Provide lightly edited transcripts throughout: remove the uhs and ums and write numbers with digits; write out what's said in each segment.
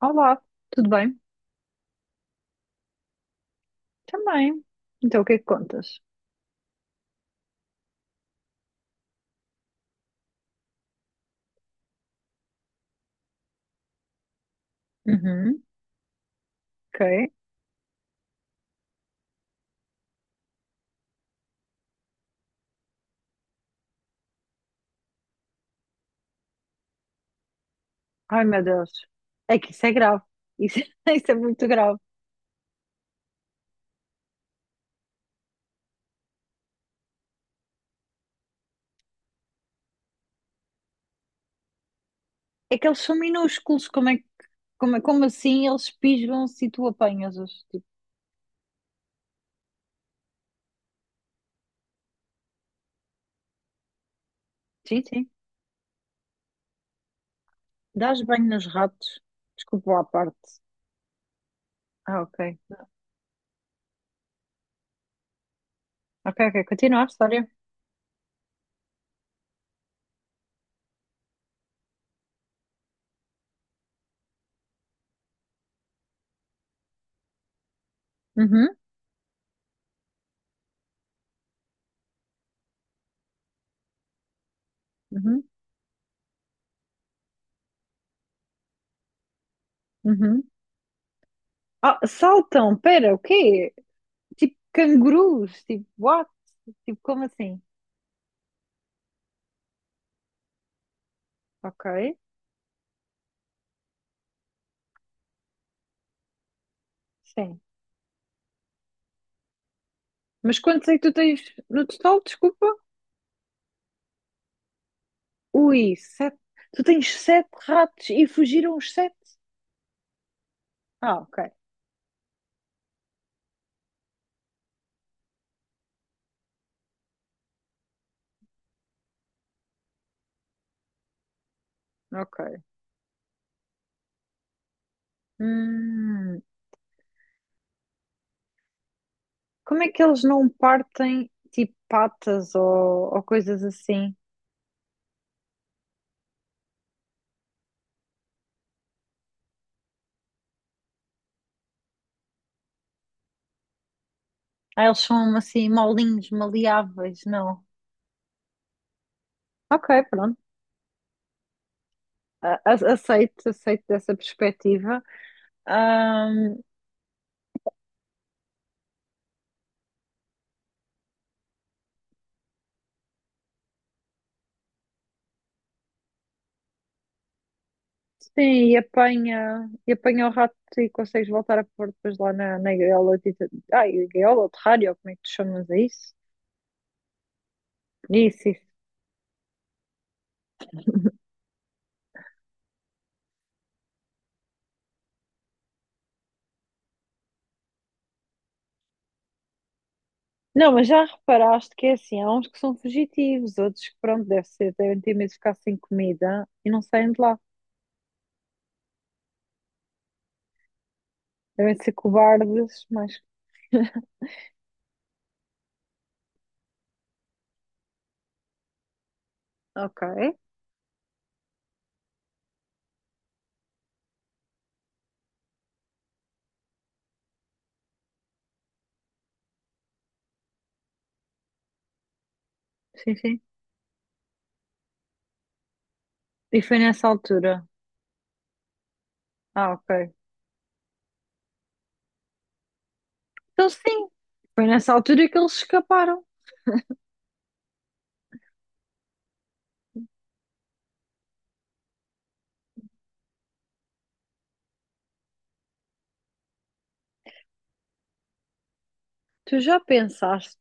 Olá, tudo bem? Também. Então, o que é que contas? Uhum, ok. Ai, meu Deus. É que isso é grave. Isso, isso é muito grave. É que eles são minúsculos. Como assim eles pisam-se e tu apanhas-os? Tipo, sim, sim. Dás banho nos ratos. Desculpa lá a parte. Ah, ok. Ok, ok. Continua a história. Uhum, uhum, uhum. Ah, saltam. Pera, o quê? Tipo cangurus. Tipo, what? Tipo, como assim? Ok. Sim. Mas quantos é que tu tens no total? Desculpa. Ui, sete. Tu tens sete ratos e fugiram os sete? Ah, ok. Ok. Hum, como é que eles não partem tipo patas ou coisas assim? Ah, eles são assim molinhos, maleáveis, não? Ok, pronto. Aceito, aceito dessa perspectiva. Hum, Sim, e apanha o rato e consegues voltar a pôr depois lá na, na gaiola. Tipo, ai, gaiola ou terrário, como é que tu chamas a isso? Isso, isso. Não, mas já reparaste que é assim, há uns que são fugitivos, outros que, pronto, deve ser, devem ter medo de ficar sem comida e não saem de lá. Devem ser cobardes, mas... Ok, sim, sim. E foi nessa altura. Ah, ok. Então sim, foi nessa altura que eles escaparam. Tu já pensaste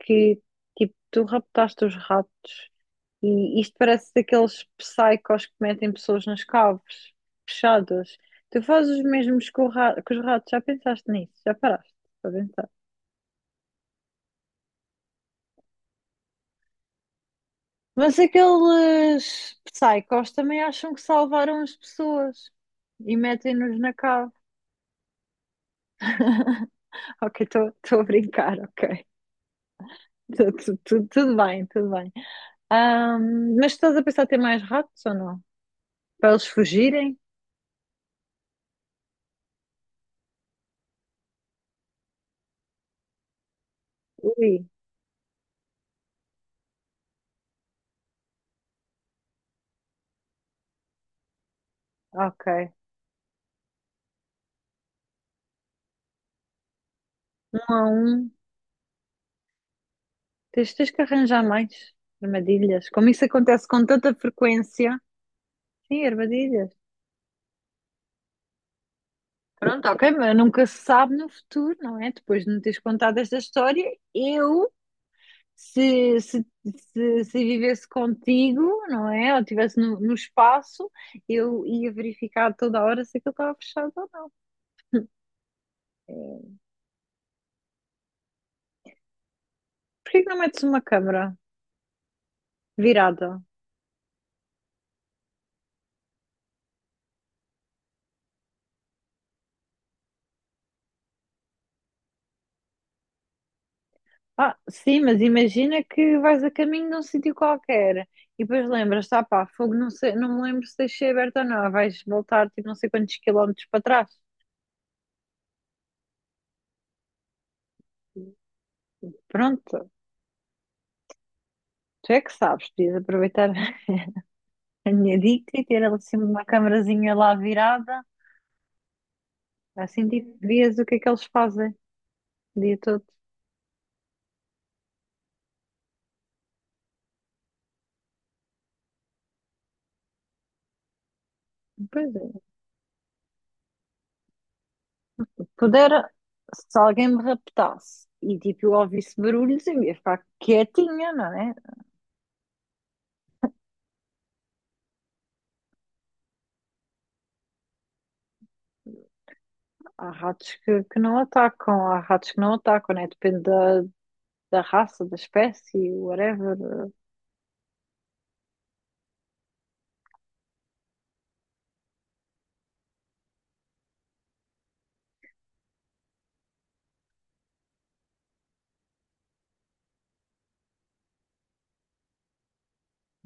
que, tipo, tu raptaste os ratos. E isto parece daqueles psychos que metem pessoas nas caves, fechadas. Tu fazes os mesmos com que os ratos, já pensaste nisso? Já paraste para pensar? Mas aqueles psychos também acham que salvaram as pessoas e metem-nos na cave. Ok, estou a brincar, ok. Tudo bem, tudo bem. Mas estás a pensar em ter mais ratos ou não? Para eles fugirem? Ui, ok. Um a um. Tens, tens que arranjar mais armadilhas. Como isso acontece com tanta frequência. Sim, armadilhas. Pronto, ok, mas nunca se sabe no futuro, não é? Depois de me teres contado esta história, eu, se, se, se, se vivesse contigo, não é? Ou estivesse no, no espaço, eu ia verificar toda hora se aquilo estava fechado ou não. É, porquê que não metes uma câmara virada? Ah, sim, mas imagina que vais a caminho de um sítio qualquer e depois lembras, tá pá, fogo, não sei, não me lembro se deixei aberto ou não, vais voltar tipo não sei quantos quilómetros para trás. Pronto, tu é que sabes, podias aproveitar a minha dica e ter assim uma camarazinha lá virada, assim tipo, vias o que é que eles fazem o dia todo. Pois é. Pudera, se alguém me raptasse e tipo eu ouvisse barulhos, eu ia ficar quietinha, não é? Há ratos que não atacam, há ratos que não atacam, né? Depende da, da raça, da espécie, whatever.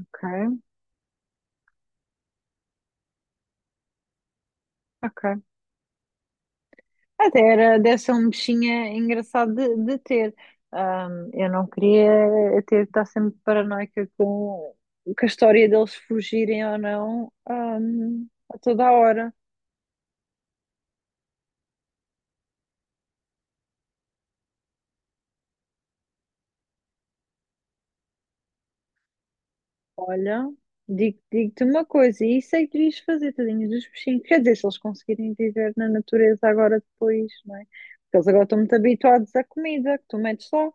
Ok, ok. Até era, deve ser um bichinho engraçado de ter. Eu não queria ter de estar sempre paranoica com a história deles fugirem ou não, a toda a hora. Olha, digo-te uma coisa, e isso é que devias fazer, tadinhos dos peixinhos. Quer dizer, se eles conseguirem viver na natureza agora depois, não é? Porque eles agora estão muito habituados à comida que tu metes lá.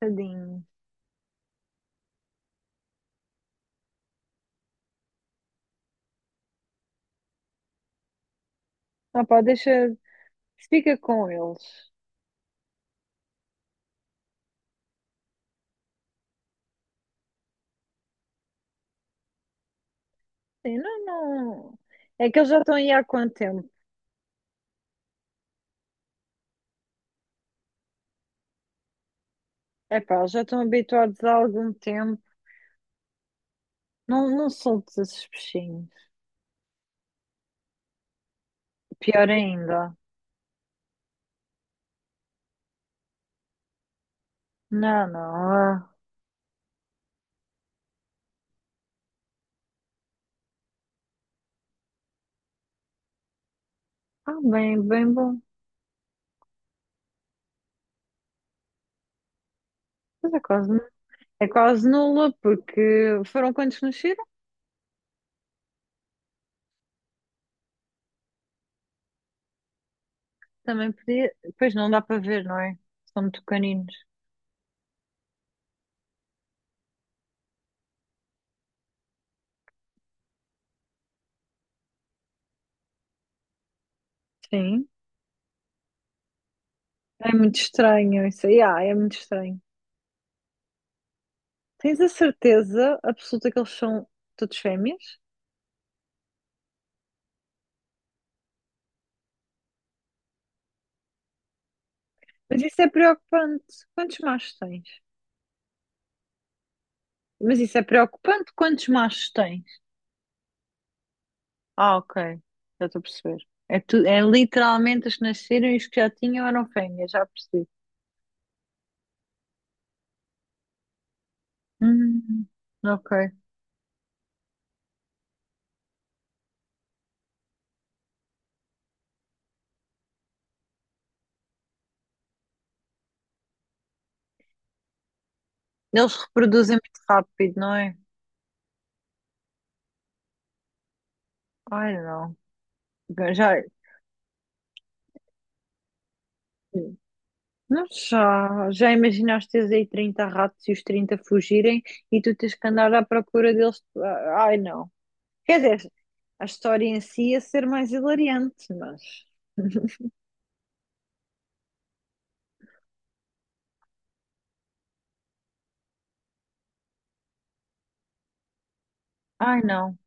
Tadinho. Ah pá, deixa, fica com eles. Sim, não, não. É que eles já estão aí há quanto tempo? É pá, eles já estão habituados há algum tempo. Não, não soltes esses peixinhos. Pior ainda. Não, não. Ah, ah, bem, bem bom. Mas é quase. É quase nula, porque foram quantos nasceram? Também podia. Pois não dá para ver, não é? São muito pequeninos. Sim. É muito estranho isso aí. Ah, é muito estranho. Tens a certeza absoluta que eles são todos fêmeas? Mas isso é preocupante. Quantos machos tens? Mas isso é preocupante. Quantos machos tens? Ah, ok. Já estou a perceber. É, tu... é literalmente os que nasceram e os que já tinham eram fêmeas, já percebi. Hum, ok. Eles reproduzem muito rápido, não é? Ai, não. Já, já imaginaste teres aí 30 ratos e os 30 fugirem e tu tens que andar à procura deles? Ah, ai, não. Quer dizer, a história em si ia ser mais hilariante, mas. Ai, não.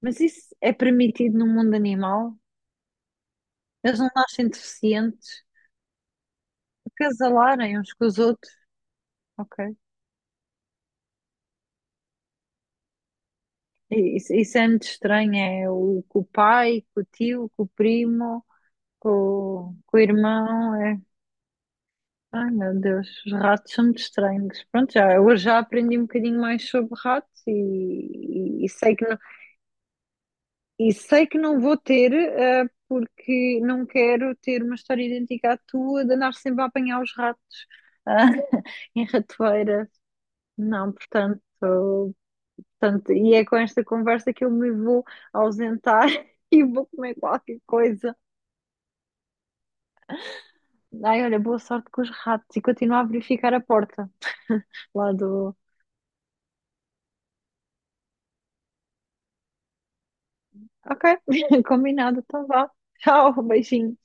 Mas isso é permitido no mundo animal? Eles não nascem deficientes? Acasalarem uns com os outros? Ok. E isso é muito estranho. É o, com o pai, com o tio, com o primo, com, com o irmão. É. Ai meu Deus, os ratos são muito estranhos. Pronto, já, hoje já aprendi um bocadinho mais sobre ratos e, e sei que não, e sei que não vou ter, porque não quero ter uma história idêntica à tua de andar sempre a apanhar os ratos, ah, em ratoeiras. Não, portanto, portanto, e é com esta conversa que eu me vou ausentar e vou comer qualquer coisa. Ai, olha, boa sorte com os ratos e continuo a verificar a porta lá do. Ok, combinado, então vá. Tchau, beijinho.